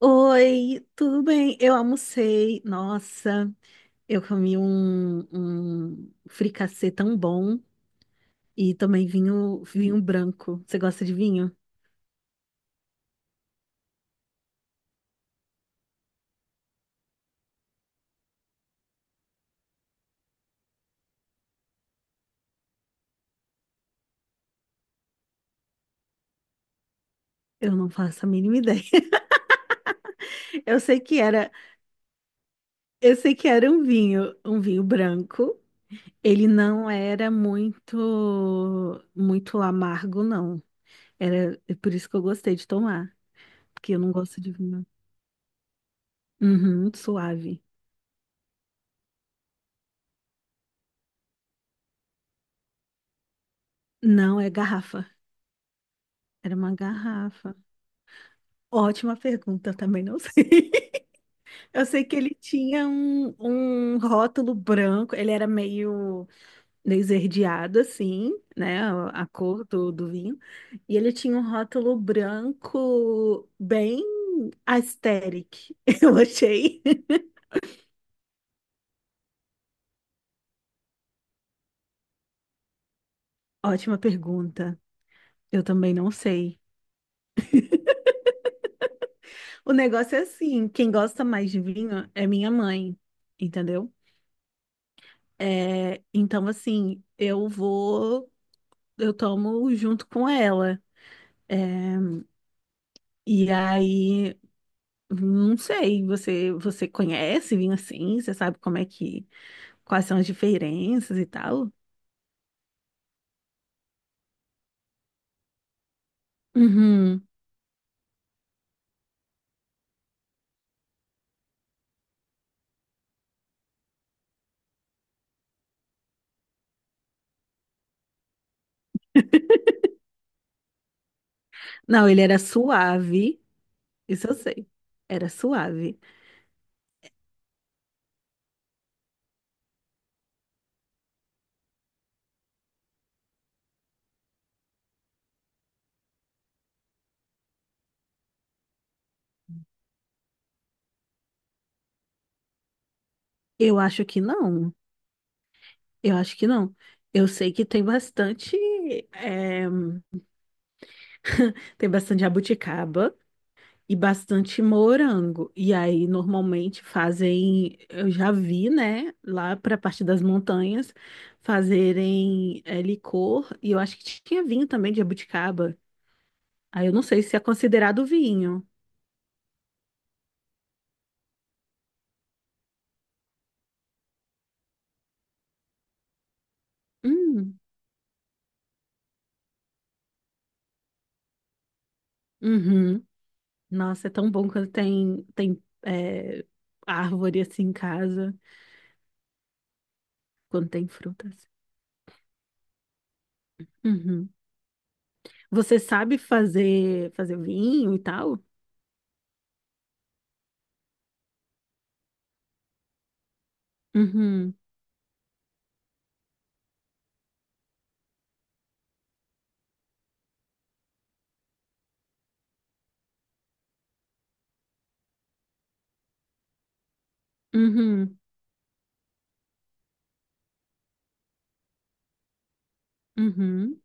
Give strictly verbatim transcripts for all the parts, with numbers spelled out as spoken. Oi, tudo bem? Eu almocei. Nossa, eu comi um, um fricassê tão bom e também vinho, vinho branco. Você gosta de vinho? Eu não faço a mínima ideia. Eu sei que era, eu sei que era um vinho, um vinho branco. Ele não era muito, muito amargo, não. Era é por isso que eu gostei de tomar, porque eu não gosto de vinho. Uhum, suave. Não, é garrafa. Era uma garrafa. Ótima pergunta, eu também não sei. Eu sei que ele tinha um, um rótulo branco, ele era meio, meio esverdeado, assim, né? A a cor do, do vinho. E ele tinha um rótulo branco bem aesthetic, eu achei. Ótima pergunta. Eu também não sei. O negócio é assim, quem gosta mais de vinho é minha mãe, entendeu? É, então, assim, eu vou, eu tomo junto com ela. é, E aí, não sei, você você conhece vinho assim? Você sabe como é que, quais são as diferenças e tal? Uhum. Não, ele era suave, isso eu sei. Era suave. Eu acho que não. Eu acho que não. Eu sei que tem bastante, é, tem bastante jabuticaba. E bastante morango. E aí, normalmente fazem, eu já vi, né, lá para a parte das montanhas, fazerem é, licor, e eu acho que tinha vinho também de jabuticaba. Aí eu não sei se é considerado vinho. Hum, uhum. Nossa, é tão bom quando tem, tem é, árvore assim em casa, quando tem frutas. Uhum. Você sabe fazer, fazer vinho e tal? Uhum, uhum, uhum,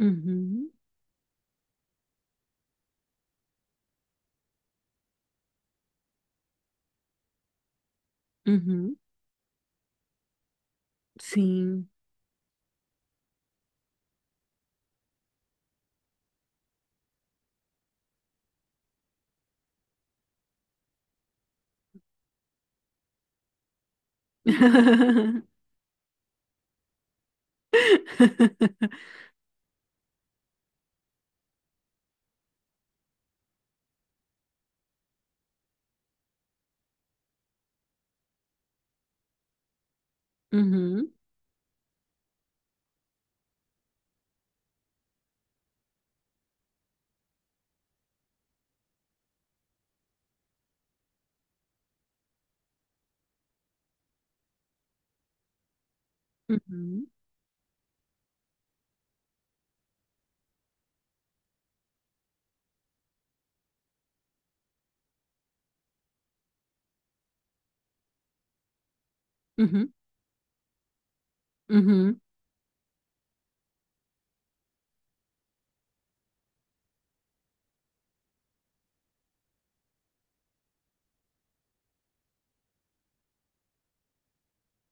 uhum, uhum. Sim. Uhum, uhum, uhum, uhum,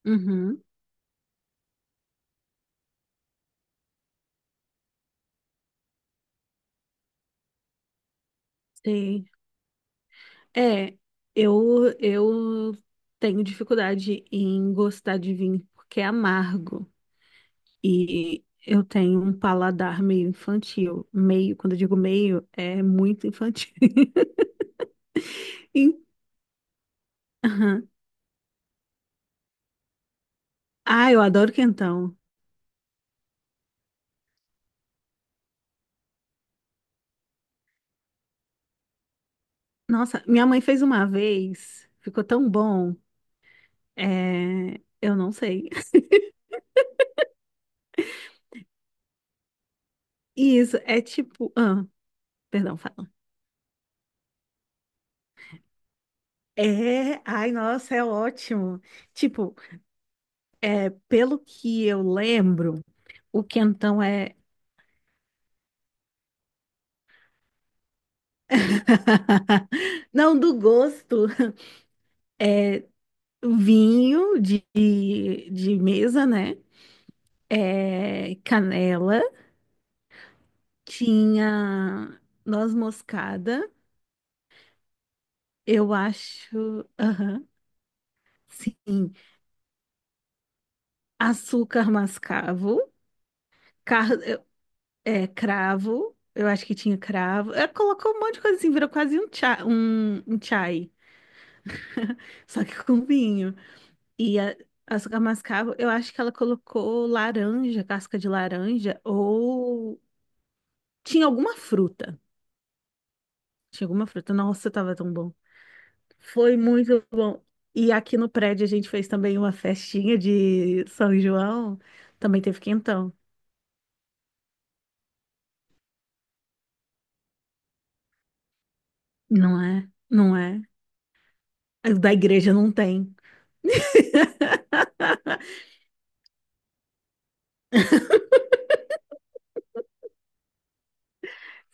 uhum. Sei. É, eu, eu tenho dificuldade em gostar de vinho porque é amargo. E eu tenho um paladar meio infantil. Meio, quando eu digo meio, é muito infantil. E- aham. Ah, eu adoro quentão. Nossa, minha mãe fez uma vez, ficou tão bom. É, eu não sei. Isso, é tipo. Ah, perdão, fala. É, ai, nossa, é ótimo. Tipo, pelo que eu lembro, o quentão é. Não, do gosto. É vinho de, de mesa, né? É canela. Tinha noz moscada, eu acho. Aham, sim. Açúcar mascavo. É, cravo. Eu acho que tinha cravo. Ela colocou um monte de coisa assim, virou quase um chá, um, um chai, só que com vinho. E a, açúcar mascavo, eu acho que ela colocou laranja, casca de laranja, ou tinha alguma fruta. Tinha alguma fruta. Nossa, tava tão bom. Foi muito bom. E aqui no prédio a gente fez também uma festinha de São João. Também teve quentão. Não é? Não é? O Da igreja não tem.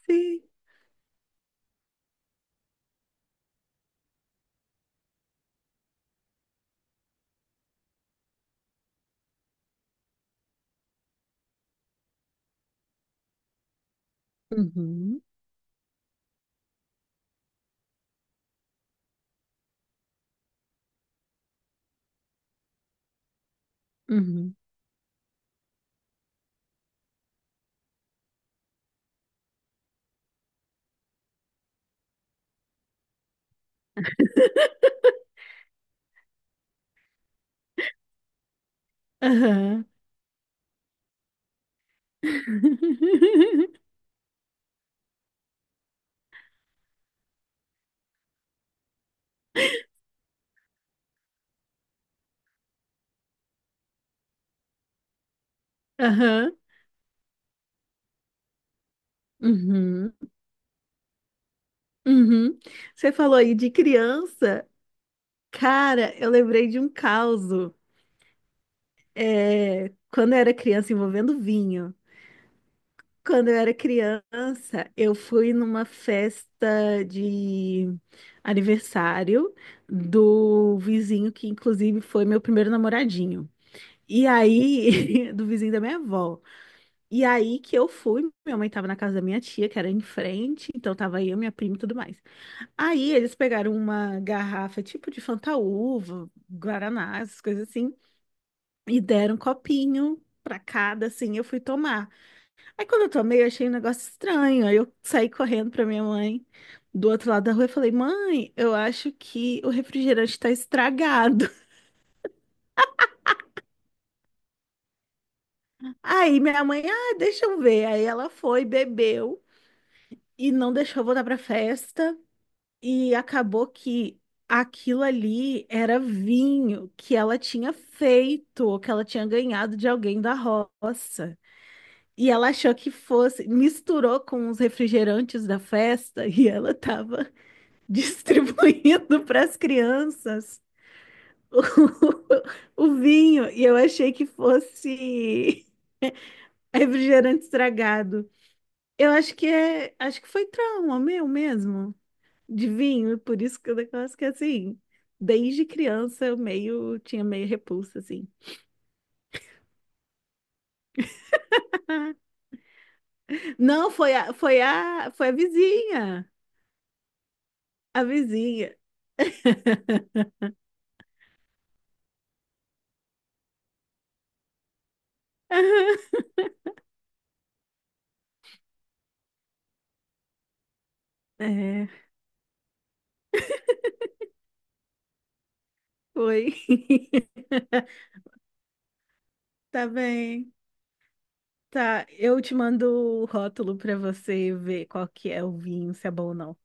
Sim. Uhum, uhum. Aham. Aham. Uhum. Uhum. Você falou aí de criança. Cara, eu lembrei de um causo. É, quando eu era criança, envolvendo vinho. Quando eu era criança, eu fui numa festa de aniversário do vizinho, que inclusive foi meu primeiro namoradinho. E aí, do vizinho da minha avó. E aí que eu fui, minha mãe tava na casa da minha tia, que era em frente, então tava eu, minha prima e tudo mais. Aí eles pegaram uma garrafa tipo de Fantaúva, Guaraná, essas coisas assim, e deram um copinho pra cada, assim, eu fui tomar. Aí quando eu tomei, eu achei um negócio estranho, aí eu saí correndo pra minha mãe do outro lado da rua e falei, mãe, eu acho que o refrigerante tá estragado. Aí minha mãe, ah, deixa eu ver. Aí ela foi, bebeu e não deixou eu voltar pra festa. E acabou que aquilo ali era vinho que ela tinha feito, que ela tinha ganhado de alguém da roça. E ela achou que fosse, misturou com os refrigerantes da festa e ela estava distribuindo para as crianças o, o vinho. E eu achei que fosse refrigerante estragado. Eu acho que é, acho que foi trauma meu mesmo, de vinho, por isso que o negócio é que assim, desde criança eu meio tinha meio repulsa assim. Ah, Não, foi a foi a foi a vizinha, a vizinha. É, foi. Tá bem. Tá, eu te mando o rótulo pra você ver qual que é o vinho, se é bom ou não.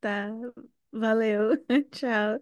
Tá. Valeu. Tchau.